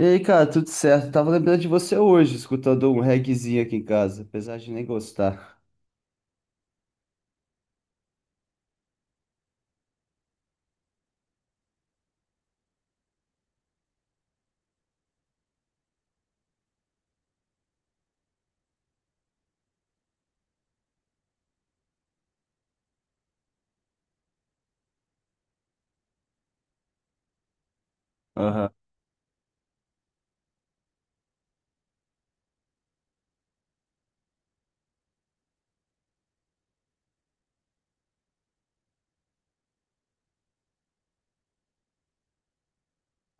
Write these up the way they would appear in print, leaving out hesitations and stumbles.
E aí, cara, tudo certo? Tava lembrando de você hoje, escutando um reggaezinho aqui em casa, apesar de nem gostar. Aham.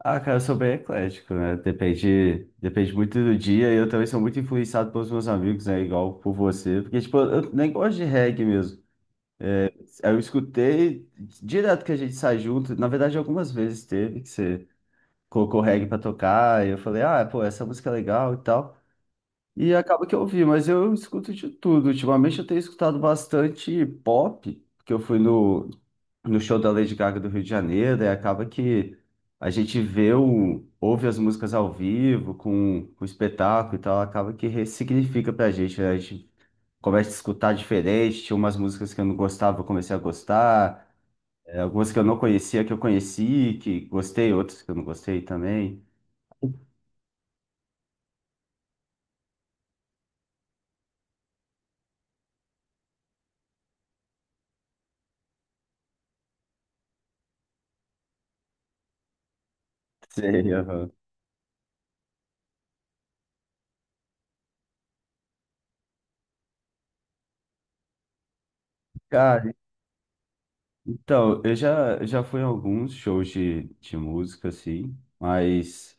Ah, cara, eu sou bem eclético, né? Depende muito do dia e eu também sou muito influenciado pelos meus amigos, né? Igual por você. Porque, tipo, eu nem gosto de reggae mesmo. Eu escutei direto que a gente sai junto. Na verdade, algumas vezes teve que você colocou reggae pra tocar e eu falei, ah, pô, essa música é legal e tal. E acaba que eu ouvi, mas eu escuto de tudo. Ultimamente eu tenho escutado bastante pop, porque eu fui no show da Lady Gaga do Rio de Janeiro, e acaba que a gente vê o, ouve as músicas ao vivo, com o espetáculo e tal, acaba que ressignifica pra gente, né? A gente começa a escutar diferente, tinha umas músicas que eu não gostava, eu comecei a gostar, algumas que eu não conhecia, que eu conheci, que gostei, outras que eu não gostei também. Sei, aham. Cara, então, eu já fui em alguns shows de música, assim, mas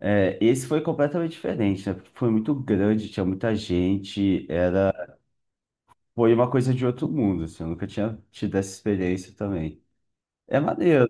é, esse foi completamente diferente, né? Porque foi muito grande, tinha muita gente, era, foi uma coisa de outro mundo, assim, eu nunca tinha tido essa experiência também. É maneiro,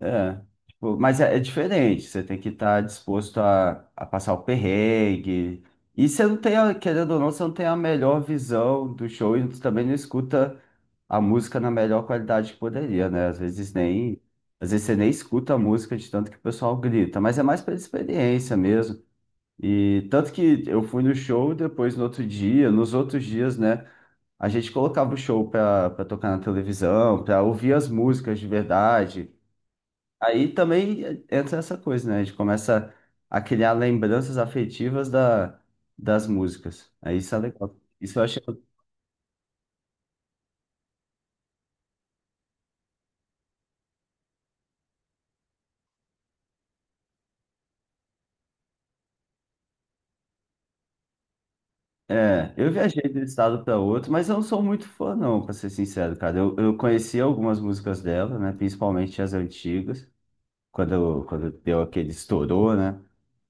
é, tipo, mas é, é diferente, você tem que estar disposto a passar o perrengue. E você não tem, querendo ou não, você não tem a melhor visão do show e também não escuta a música na melhor qualidade que poderia, né? Às vezes você nem escuta a música de tanto que o pessoal grita, mas é mais pela experiência mesmo. E tanto que eu fui no show depois no outro dia, nos outros dias, né? A gente colocava o show para tocar na televisão, para ouvir as músicas de verdade. Aí também entra essa coisa, né? A gente começa a criar lembranças afetivas das músicas. Aí isso é legal. Isso eu achei. É, eu viajei de um estado para outro, mas eu não sou muito fã, não, para ser sincero, cara. Eu conheci algumas músicas dela, né? Principalmente as antigas. Quando deu aquele estourou, né?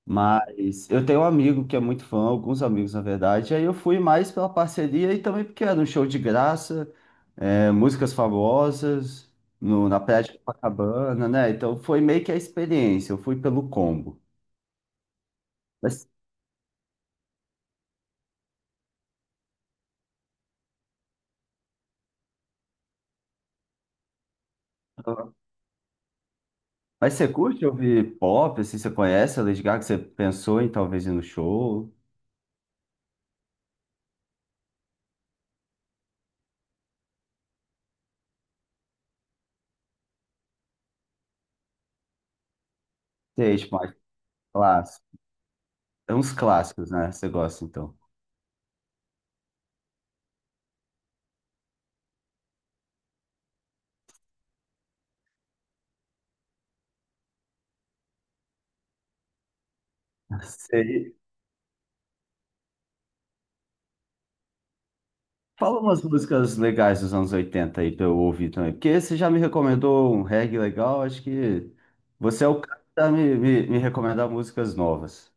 Mas eu tenho um amigo que é muito fã, alguns amigos na verdade, e aí eu fui mais pela parceria e também porque era um show de graça, é, músicas famosas, no, na Praia de Copacabana, né? Então foi meio que a experiência, eu fui pelo combo. Mas, mas você curte ouvir pop, assim, você conhece a Lady Gaga, você pensou em talvez ir no show? Sei, tipo, mais clássico. É uns clássicos, né? Você gosta, então. Sei. Fala umas músicas legais dos anos 80 aí pra eu ouvir também. Porque você já me recomendou um reggae legal, acho que você é o cara pra me recomendar músicas novas.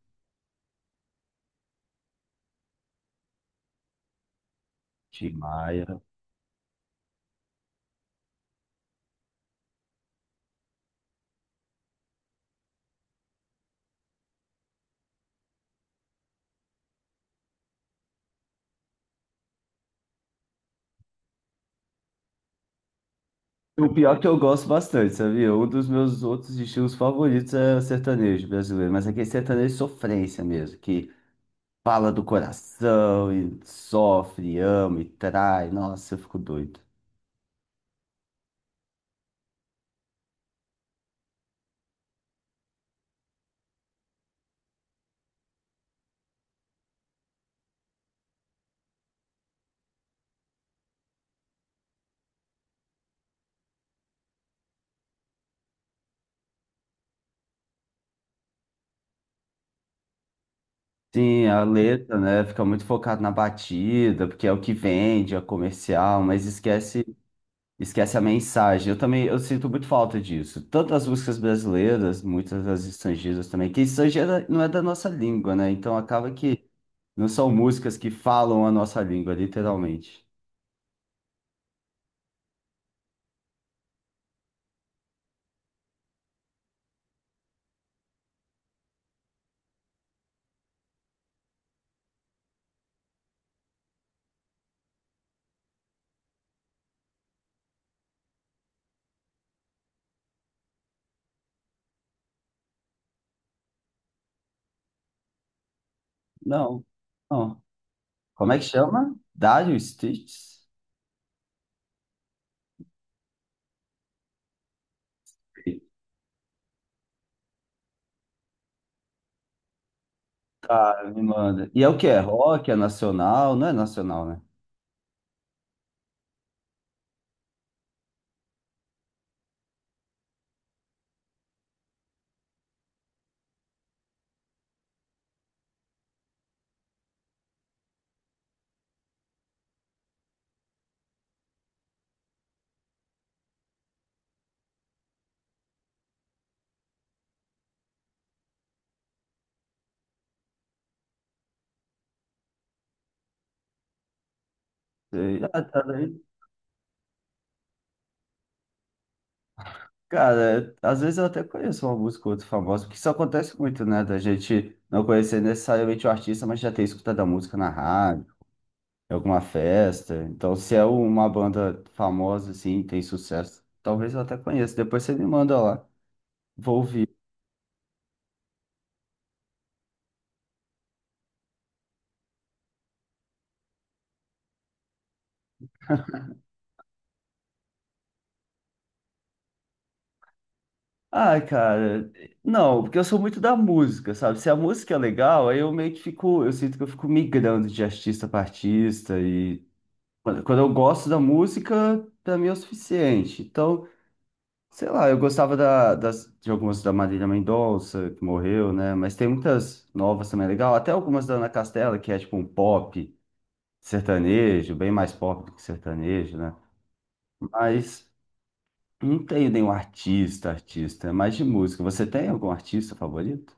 Tim Maia. O pior é que eu gosto bastante, sabia? Um dos meus outros estilos favoritos é sertanejo brasileiro, mas aquele sertanejo é sofrência mesmo, que fala do coração e sofre, ama e trai. Nossa, eu fico doido. Sim, a letra, né? Fica muito focado na batida, porque é o que vende, é comercial, mas esquece. Esquece a mensagem. Eu também, eu sinto muito falta disso. Tanto as músicas brasileiras, muitas das estrangeiras também, que estrangeira não é da nossa língua, né? Então acaba que não são músicas que falam a nossa língua, literalmente. Não, não. Como é que chama? Dire Straits? Tá, me manda. E é o que? É rock? É nacional? Não é nacional, né? Cara, às vezes eu até conheço uma música ou outra famosa, porque isso acontece muito, né? Da gente não conhecer necessariamente o artista, mas já ter escutado a música na rádio, em alguma festa. Então, se é uma banda famosa, assim, tem sucesso, talvez eu até conheça. Depois você me manda lá, vou ouvir. Ah, cara, não, porque eu sou muito da música, sabe? Se a música é legal, aí eu meio que fico, eu sinto que eu fico migrando de artista para artista e quando eu gosto da música, pra mim é o suficiente. Então, sei lá, eu gostava de algumas da Marília Mendonça, que morreu, né? Mas tem muitas novas também é legal. Até algumas da Ana Castela, que é tipo um pop sertanejo, bem mais pop do que sertanejo, né? Mas não tenho nenhum artista, é mais de música. Você tem algum artista favorito?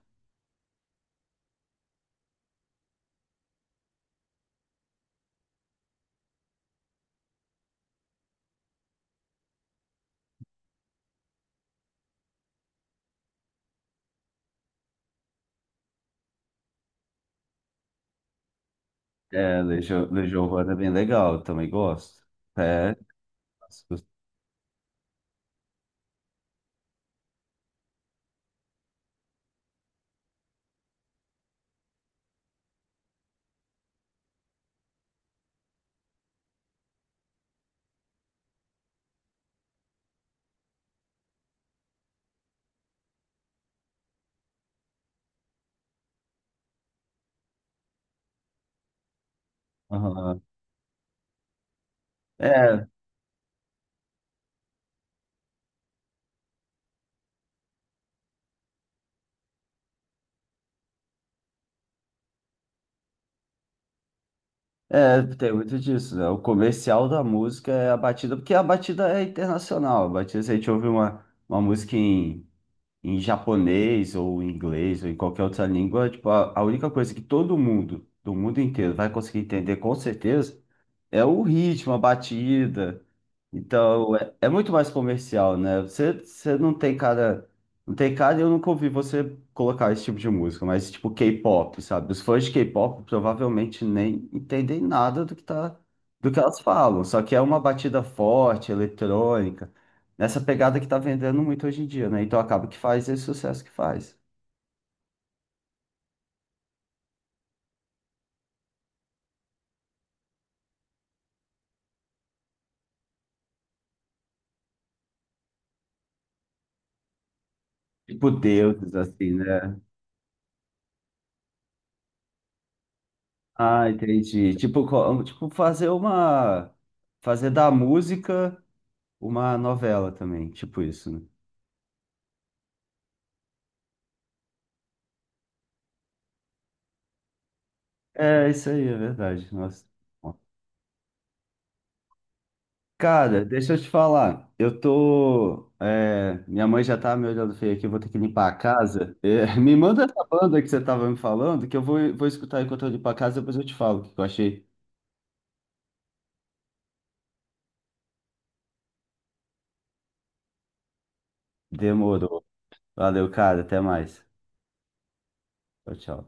É, Legião Urbana é bem legal, eu também gosto. É, gosto. Aham. É, é, tem muito disso, né? O comercial da música é a batida, porque a batida é internacional. A batida, se a gente ouve uma música em japonês ou em inglês ou em qualquer outra língua, tipo, a única coisa que todo mundo, do mundo inteiro, vai conseguir entender com certeza é o ritmo, a batida. Então, é muito mais comercial, né? Você não tem cara. Não tem cara, e eu nunca ouvi você colocar esse tipo de música, mas tipo K-pop, sabe? Os fãs de K-pop provavelmente nem entendem nada do que tá, do que elas falam. Só que é uma batida forte, eletrônica, nessa pegada que tá vendendo muito hoje em dia, né? Então acaba que faz esse sucesso que faz. Tipo deuses, assim, né? Ah, entendi. Tipo fazer uma. Fazer da música uma novela também, tipo isso, né? É, isso aí, é verdade. Nossa. Cara, deixa eu te falar. Minha mãe já tá me olhando feio aqui, eu vou ter que limpar a casa. É, me manda essa banda que você tava me falando, que eu vou escutar enquanto eu limpo a casa, depois eu te falo o que eu achei. Demorou. Valeu, cara. Até mais. Tchau, tchau.